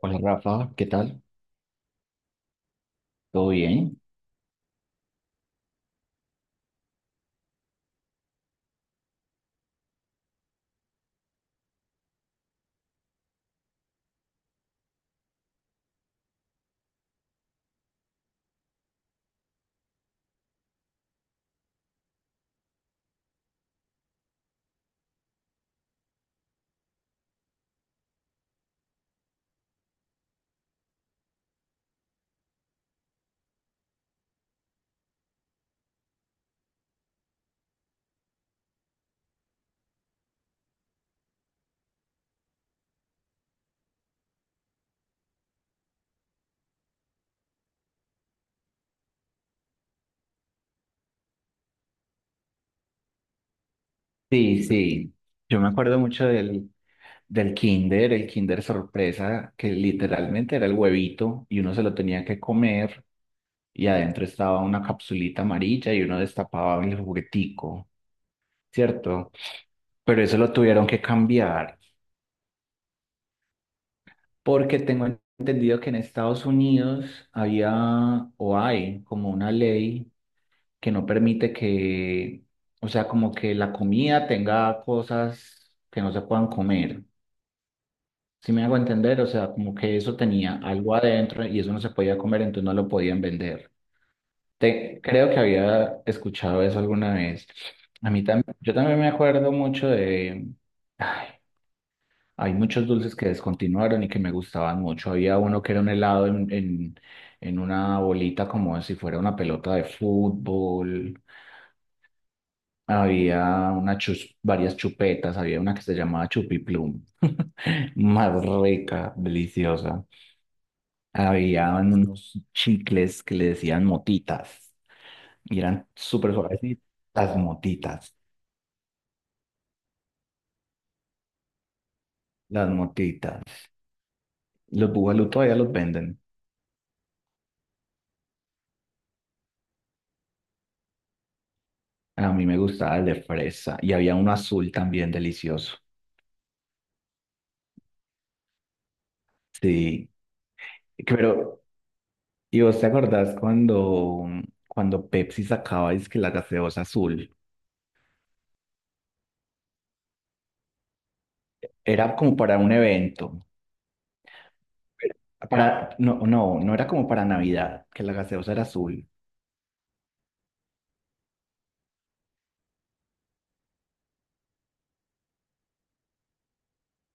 Hola Rafa, ¿qué tal? ¿Todo bien? Sí, sí. Yo me acuerdo mucho del Kinder, el Kinder sorpresa, que literalmente era el huevito y uno se lo tenía que comer, y adentro estaba una capsulita amarilla y uno destapaba el juguetico, ¿cierto? Pero eso lo tuvieron que cambiar porque tengo entendido que en Estados Unidos había o hay como una ley que no permite que, o sea, como que la comida tenga cosas que no se puedan comer. ¿Si me hago entender? O sea, como que eso tenía algo adentro y eso no se podía comer, entonces no lo podían vender. Creo que había escuchado eso alguna vez. A mí también, yo también me acuerdo mucho ay, hay muchos dulces que descontinuaron y que me gustaban mucho. Había uno que era un helado en una bolita, como si fuera una pelota de fútbol. Había varias chupetas, había una que se llamaba Chupiplum, más rica, deliciosa. Había unos chicles que le decían motitas y eran súper suaves. Y las motitas, las motitas. Los bugalú todavía los venden. A mí me gustaba el de fresa y había uno azul también delicioso. Sí, pero ¿y vos te acordás cuando, cuando Pepsi sacaba que la gaseosa azul? Era como para un evento. No, no, no era como para Navidad, que la gaseosa era azul.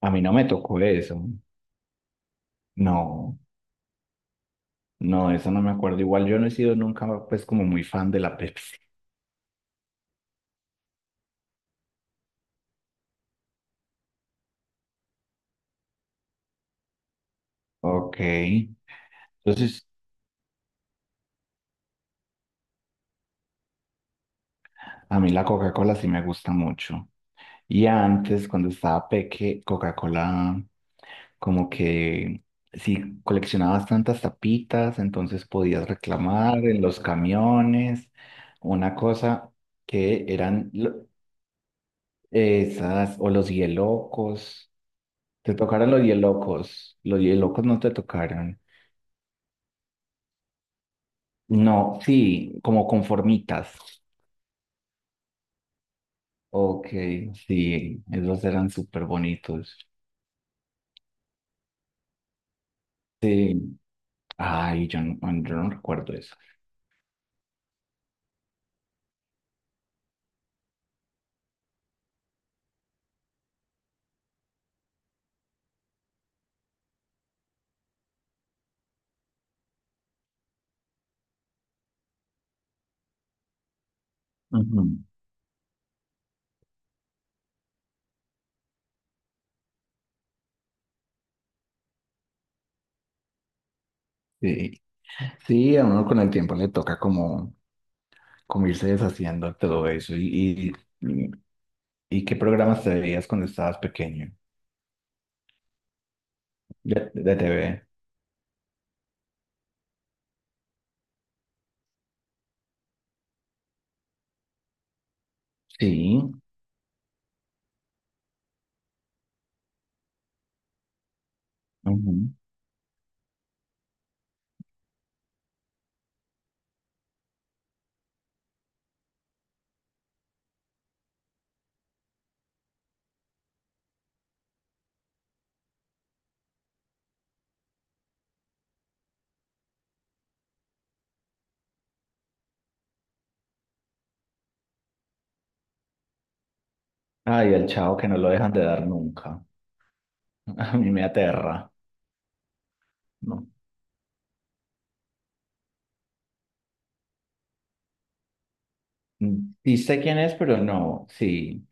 A mí no me tocó eso. No, no, eso no me acuerdo. Igual yo no he sido nunca, pues, como muy fan de la Pepsi. Ok. Entonces, a mí la Coca-Cola sí me gusta mucho. Y antes, cuando estaba peque, Coca-Cola, como que si coleccionabas tantas tapitas, entonces podías reclamar en los camiones, una cosa que eran, esas, o los hielocos. Te tocaron los hielocos. Los hielocos no te tocaron. No, sí, como conformitas. Ok, sí, esos eran súper bonitos. Sí, ay, yo no, yo no recuerdo eso. Ujú. Sí. Sí, a uno con el tiempo le toca como, como irse deshaciendo de todo eso. Y, y qué programas te veías cuando estabas pequeño? De TV. Sí. Ay, el chavo, que no lo dejan de dar nunca. A mí me aterra. No. Sí, sé quién es, pero no. Sí,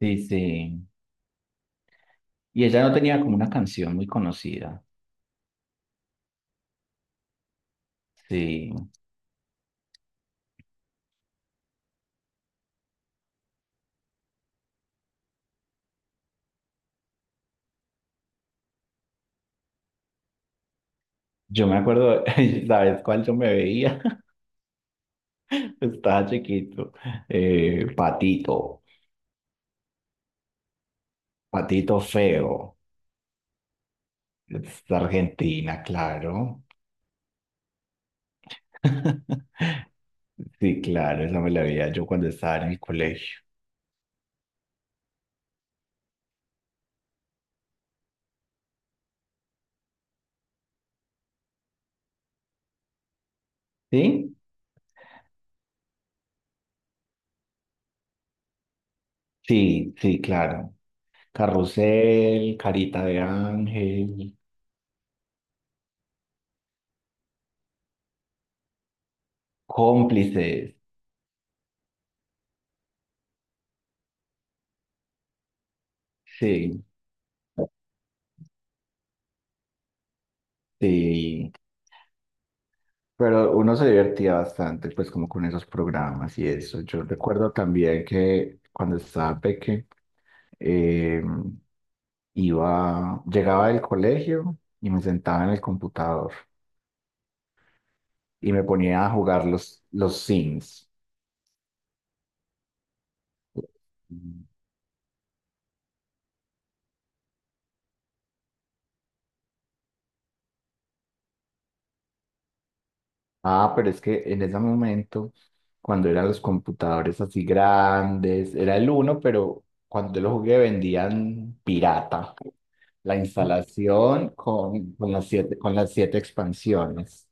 sí, sí. Y ella no tenía como una canción muy conocida. Sí. Yo me acuerdo, ¿sabes cuál yo me veía? Estaba chiquito. Patito. Patito Feo. Es Argentina, claro. Sí, claro, esa me la veía yo cuando estaba en el colegio. ¿Sí? Sí, sí, claro. Carrusel, Carita de Ángel, Cómplices, sí, sí. Pero uno se divertía bastante, pues, como con esos programas y eso. Yo recuerdo también que cuando estaba peque, eh, llegaba del colegio y me sentaba en el computador y me ponía a jugar los Sims. Ah, pero es que en ese momento, cuando eran los computadores así grandes, era el uno, pero cuando yo lo jugué vendían pirata la instalación con las siete expansiones.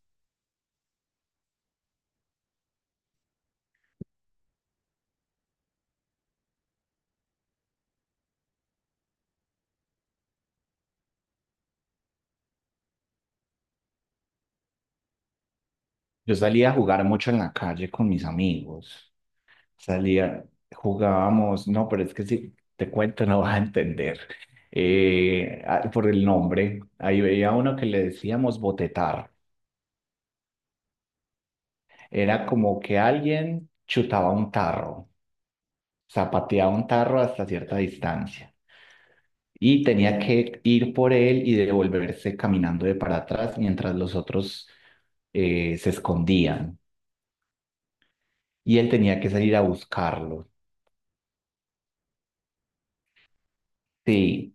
Yo salía a jugar mucho en la calle con mis amigos. Salía, jugábamos, no, pero es que si te cuento no vas a entender. Ah, por el nombre, ahí veía uno que le decíamos botetar. Era como que alguien chutaba un tarro, zapateaba un tarro hasta cierta distancia y tenía que ir por él y devolverse caminando de para atrás mientras los otros se escondían, y él tenía que salir a buscarlo. Sí,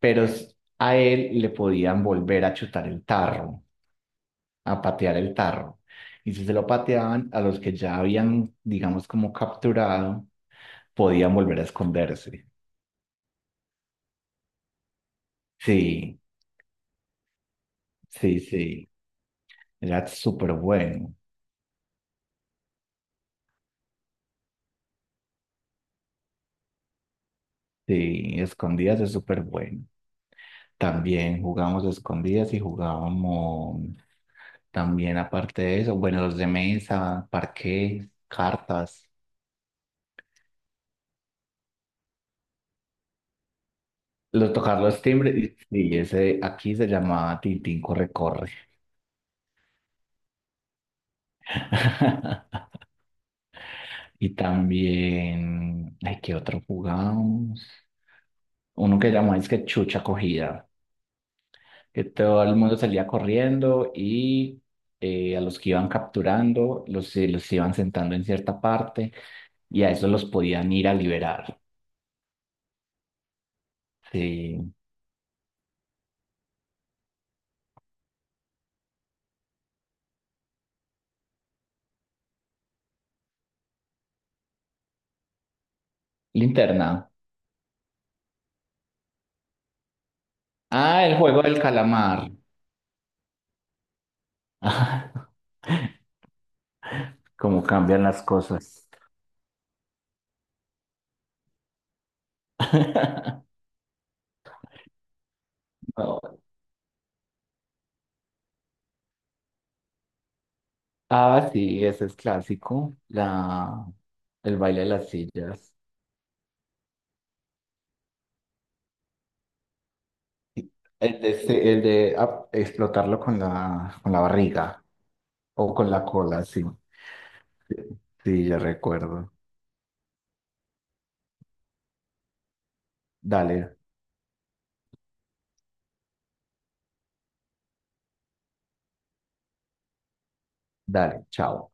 pero a él le podían volver a chutar el tarro, a patear el tarro. Y si se lo pateaban a los que ya habían, digamos, como capturado, podían volver a esconderse. Sí, sí, sí. Era súper bueno. Sí, escondidas es súper bueno. También jugamos escondidas, y jugábamos también, aparte de eso, bueno, los de mesa, parqués, cartas, los tocar los timbres. Y ese aquí se llamaba Tintín Corre Corre. Y también, ay, ¿qué otro jugábamos? Uno que llamaba es que Chucha Cogida, que todo el mundo salía corriendo y a los que iban capturando los, los iban sentando en cierta parte, y a esos los podían ir a liberar. Sí. Linterna. Ah, el juego del calamar. Cómo cambian las cosas. No. Ah, sí, ese es clásico. El baile de las sillas. El de, explotarlo con la barriga o con la cola, sí. Sí, ya recuerdo. Dale, dale, chao.